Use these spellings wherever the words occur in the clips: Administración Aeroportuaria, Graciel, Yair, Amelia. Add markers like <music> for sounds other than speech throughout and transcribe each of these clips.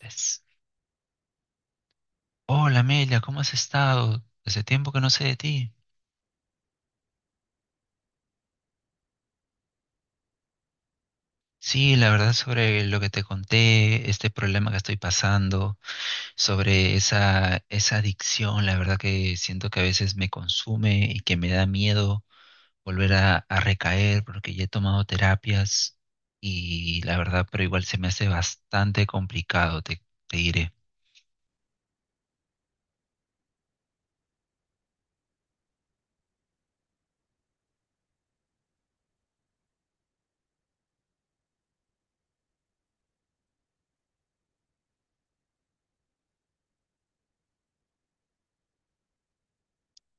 Es- Hola Amelia, ¿cómo has estado? Hace tiempo que no sé de ti. Sí, la verdad sobre lo que te conté, este problema que estoy pasando, sobre esa adicción, la verdad que siento que a veces me consume y que me da miedo volver a recaer porque ya he tomado terapias y la verdad, pero igual se me hace bastante complicado, te diré.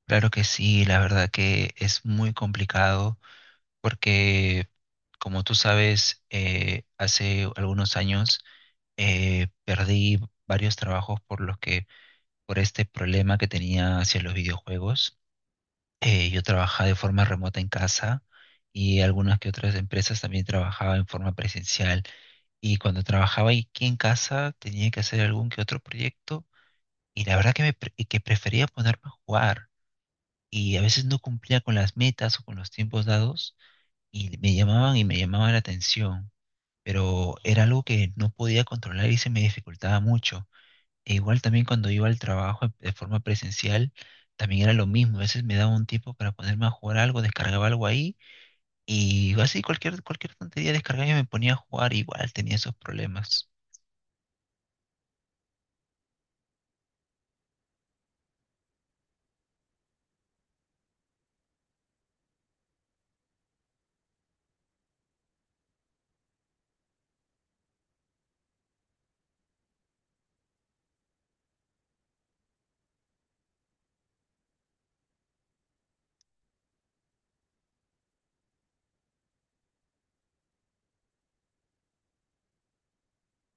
Claro que sí, la verdad que es muy complicado porque como tú sabes, hace algunos años perdí varios trabajos por este problema que tenía hacia los videojuegos. Yo trabajaba de forma remota en casa y algunas que otras empresas también trabajaba en forma presencial. Y cuando trabajaba aquí en casa tenía que hacer algún que otro proyecto y la verdad que, que prefería ponerme a jugar. Y a veces no cumplía con las metas o con los tiempos dados y me llamaban la atención. Pero era algo que no podía controlar y se me dificultaba mucho. E igual también cuando iba al trabajo de forma presencial, también era lo mismo. A veces me daba un tiempo para ponerme a jugar algo, descargaba algo ahí y así cualquier tontería descargaba y me ponía a jugar, igual tenía esos problemas.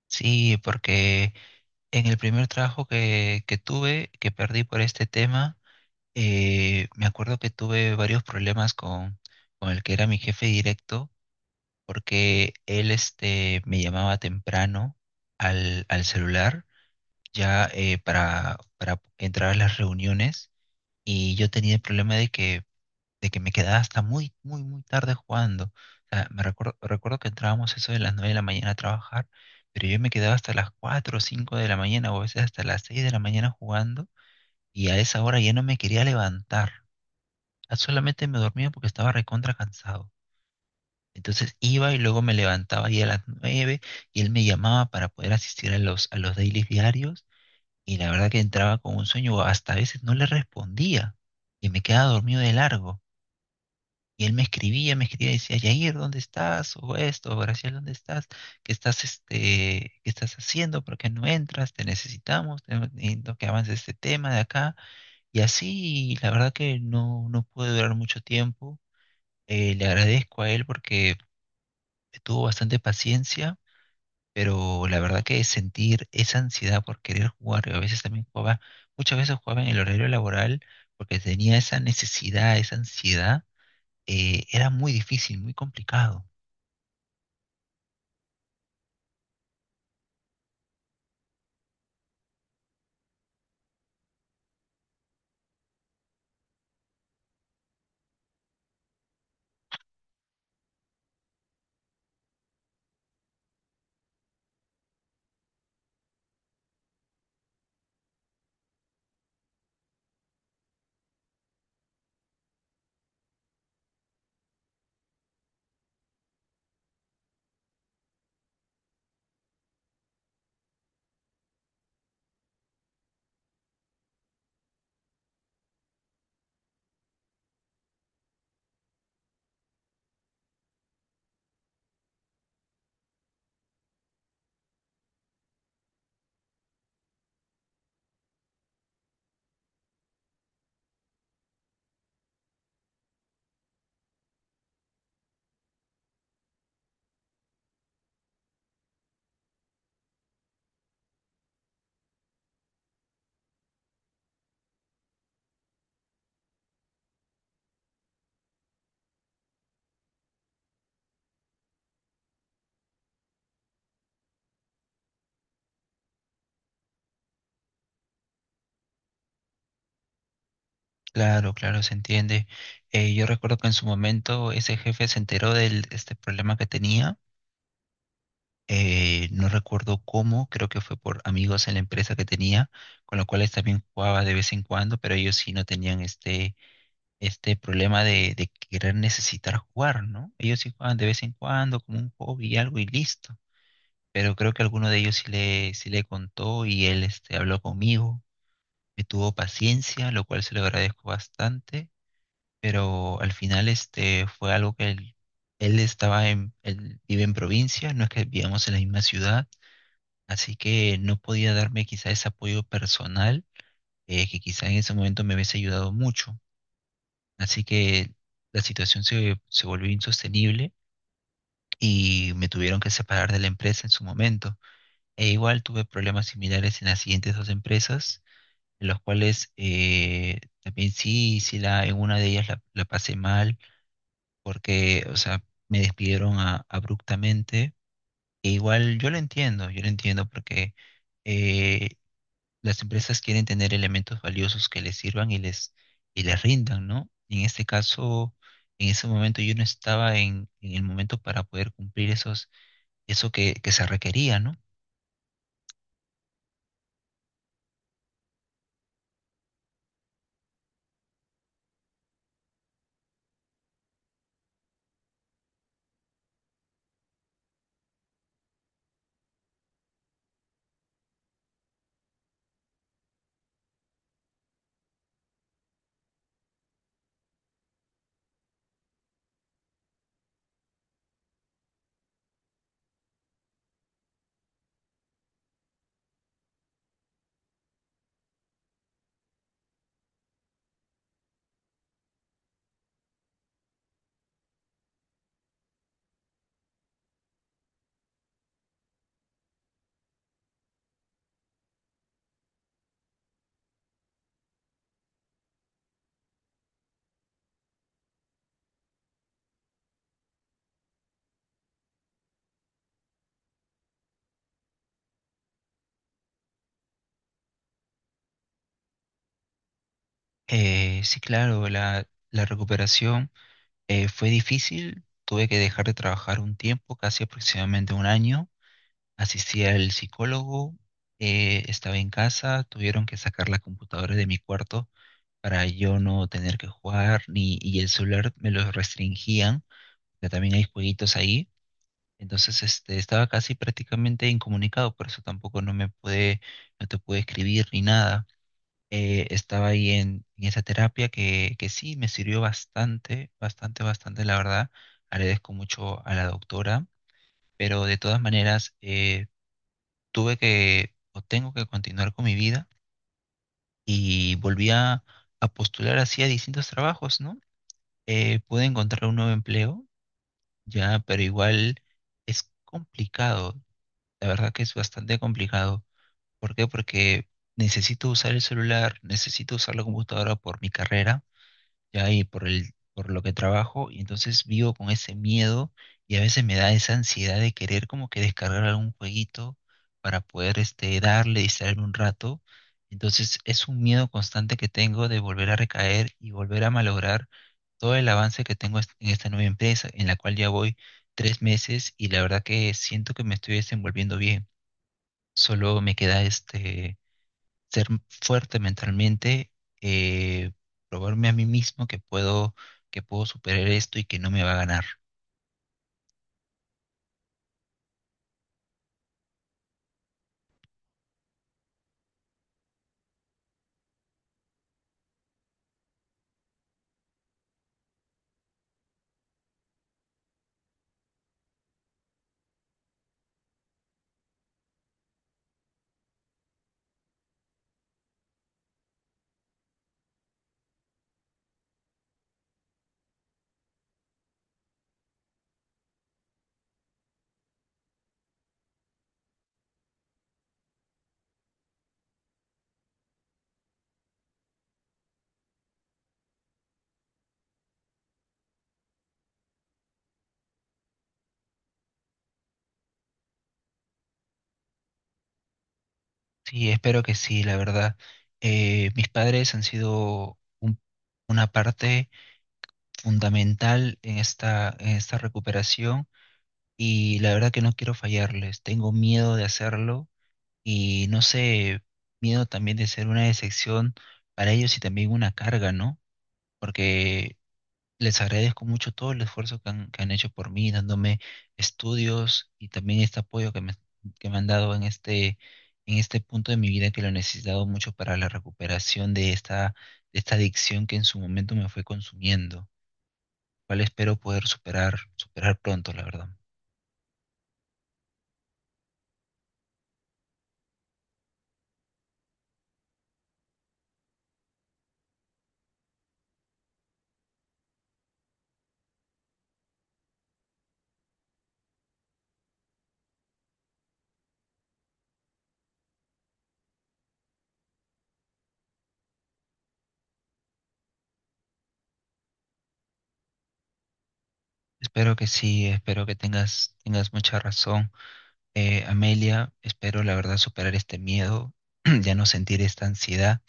Sí, porque en el primer trabajo que tuve, que perdí por este tema, me acuerdo que tuve varios problemas con el que era mi jefe directo porque él me llamaba temprano al celular ya, para entrar a las reuniones y yo tenía el problema de que me quedaba hasta muy, muy, muy tarde jugando. O sea, recuerdo que entrábamos eso de las 9 de la mañana a trabajar, pero yo me quedaba hasta las 4 o 5 de la mañana o a veces hasta las 6 de la mañana jugando y a esa hora ya no me quería levantar. Solamente me dormía porque estaba recontra cansado. Entonces iba y luego me levantaba ahí a las 9 y él me llamaba para poder asistir a los dailies diarios y la verdad que entraba con un sueño, hasta a veces no le respondía y me quedaba dormido de largo. Y él me escribía y decía: Yair, ¿dónde estás? O esto, Graciel, ¿dónde estás? ¿Qué estás, este, qué estás haciendo? ¿Por qué no entras? Te necesitamos, necesito que avances este tema de acá. Y así, la verdad que no, no pude durar mucho tiempo. Le agradezco a él porque tuvo bastante paciencia, pero la verdad que sentir esa ansiedad por querer jugar, y a veces también jugaba, muchas veces jugaba en el horario laboral porque tenía esa necesidad, esa ansiedad, era muy difícil, muy complicado. Claro, claro, se entiende. Yo recuerdo que en su momento ese jefe se enteró de este problema que tenía. No recuerdo cómo, creo que fue por amigos en la empresa que tenía, con los cuales también jugaba de vez en cuando, pero ellos sí no tenían este problema de querer necesitar jugar, ¿no? Ellos sí juegan de vez en cuando como un hobby y algo y listo. Pero creo que alguno de ellos sí le contó y él habló conmigo, me tuvo paciencia, lo cual se lo agradezco bastante, pero al final fue algo que él vive en provincia, no es que vivamos en la misma ciudad, así que no podía darme quizá ese apoyo personal, que quizá en ese momento me hubiese ayudado mucho. Así que la situación se volvió insostenible y me tuvieron que separar de la empresa en su momento. E igual tuve problemas similares en las siguientes dos empresas, en los cuales también sí, sí en una de ellas la pasé mal porque, o sea, me despidieron abruptamente. E igual yo lo entiendo porque eh, las empresas quieren tener elementos valiosos que les sirvan y les rindan, ¿no? Y en este caso, en ese momento yo no estaba en el momento para poder cumplir eso que se requería, ¿no? Sí, claro, la recuperación, fue difícil. Tuve que dejar de trabajar un tiempo, casi aproximadamente un año. Asistí al psicólogo, estaba en casa, tuvieron que sacar la computadora de mi cuarto para yo no tener que jugar, ni, y el celular me lo restringían, ya también hay jueguitos ahí. Entonces, estaba casi prácticamente incomunicado, por eso tampoco no te pude escribir ni nada. Estaba ahí en esa terapia que sí me sirvió bastante, bastante, bastante, la verdad. Agradezco mucho a la doctora, pero de todas maneras, tuve que o tengo que continuar con mi vida y volví a postular así a distintos trabajos, ¿no? Pude encontrar un nuevo empleo, ya, pero igual es complicado. La verdad que es bastante complicado. ¿Por qué? Porque necesito usar el celular, necesito usar la computadora por mi carrera ya y por lo que trabajo, y entonces vivo con ese miedo y a veces me da esa ansiedad de querer como que descargar algún jueguito para poder darle, distraerme un rato. Entonces es un miedo constante que tengo de volver a recaer y volver a malograr todo el avance que tengo en esta nueva empresa, en la cual ya voy 3 meses y la verdad que siento que me estoy desenvolviendo bien. Solo me queda ser fuerte mentalmente, eh, probarme a mí mismo que puedo superar esto y que no me va a ganar. Sí, espero que sí, la verdad. Mis padres han sido una parte fundamental en esta recuperación y la verdad que no quiero fallarles. Tengo miedo de hacerlo y no sé, miedo también de ser una decepción para ellos y también una carga, ¿no? Porque les agradezco mucho todo el esfuerzo que han hecho por mí, dándome estudios y también este apoyo que me han dado en este punto de mi vida que lo he necesitado mucho para la recuperación de esta adicción que en su momento me fue consumiendo, cual espero poder superar, superar pronto, la verdad. Espero que sí, espero que tengas mucha razón, Amelia. Espero, la verdad, superar este miedo, <clears throat> ya no sentir esta ansiedad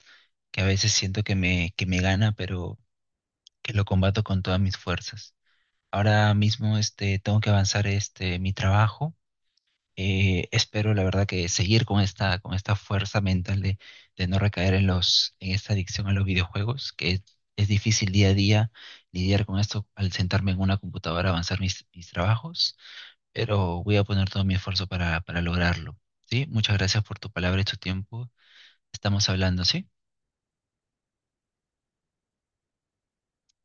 que a veces siento que me gana, pero que lo combato con todas mis fuerzas. Ahora mismo tengo que avanzar mi trabajo. Espero, la verdad, que seguir con esta fuerza mental de no recaer en esta adicción a los videojuegos, que es difícil día a día lidiar con esto al sentarme en una computadora a avanzar mis trabajos, pero voy a poner todo mi esfuerzo para lograrlo. ¿Sí? Muchas gracias por tu palabra y tu tiempo. Estamos hablando, ¿sí?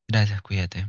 Gracias, cuídate.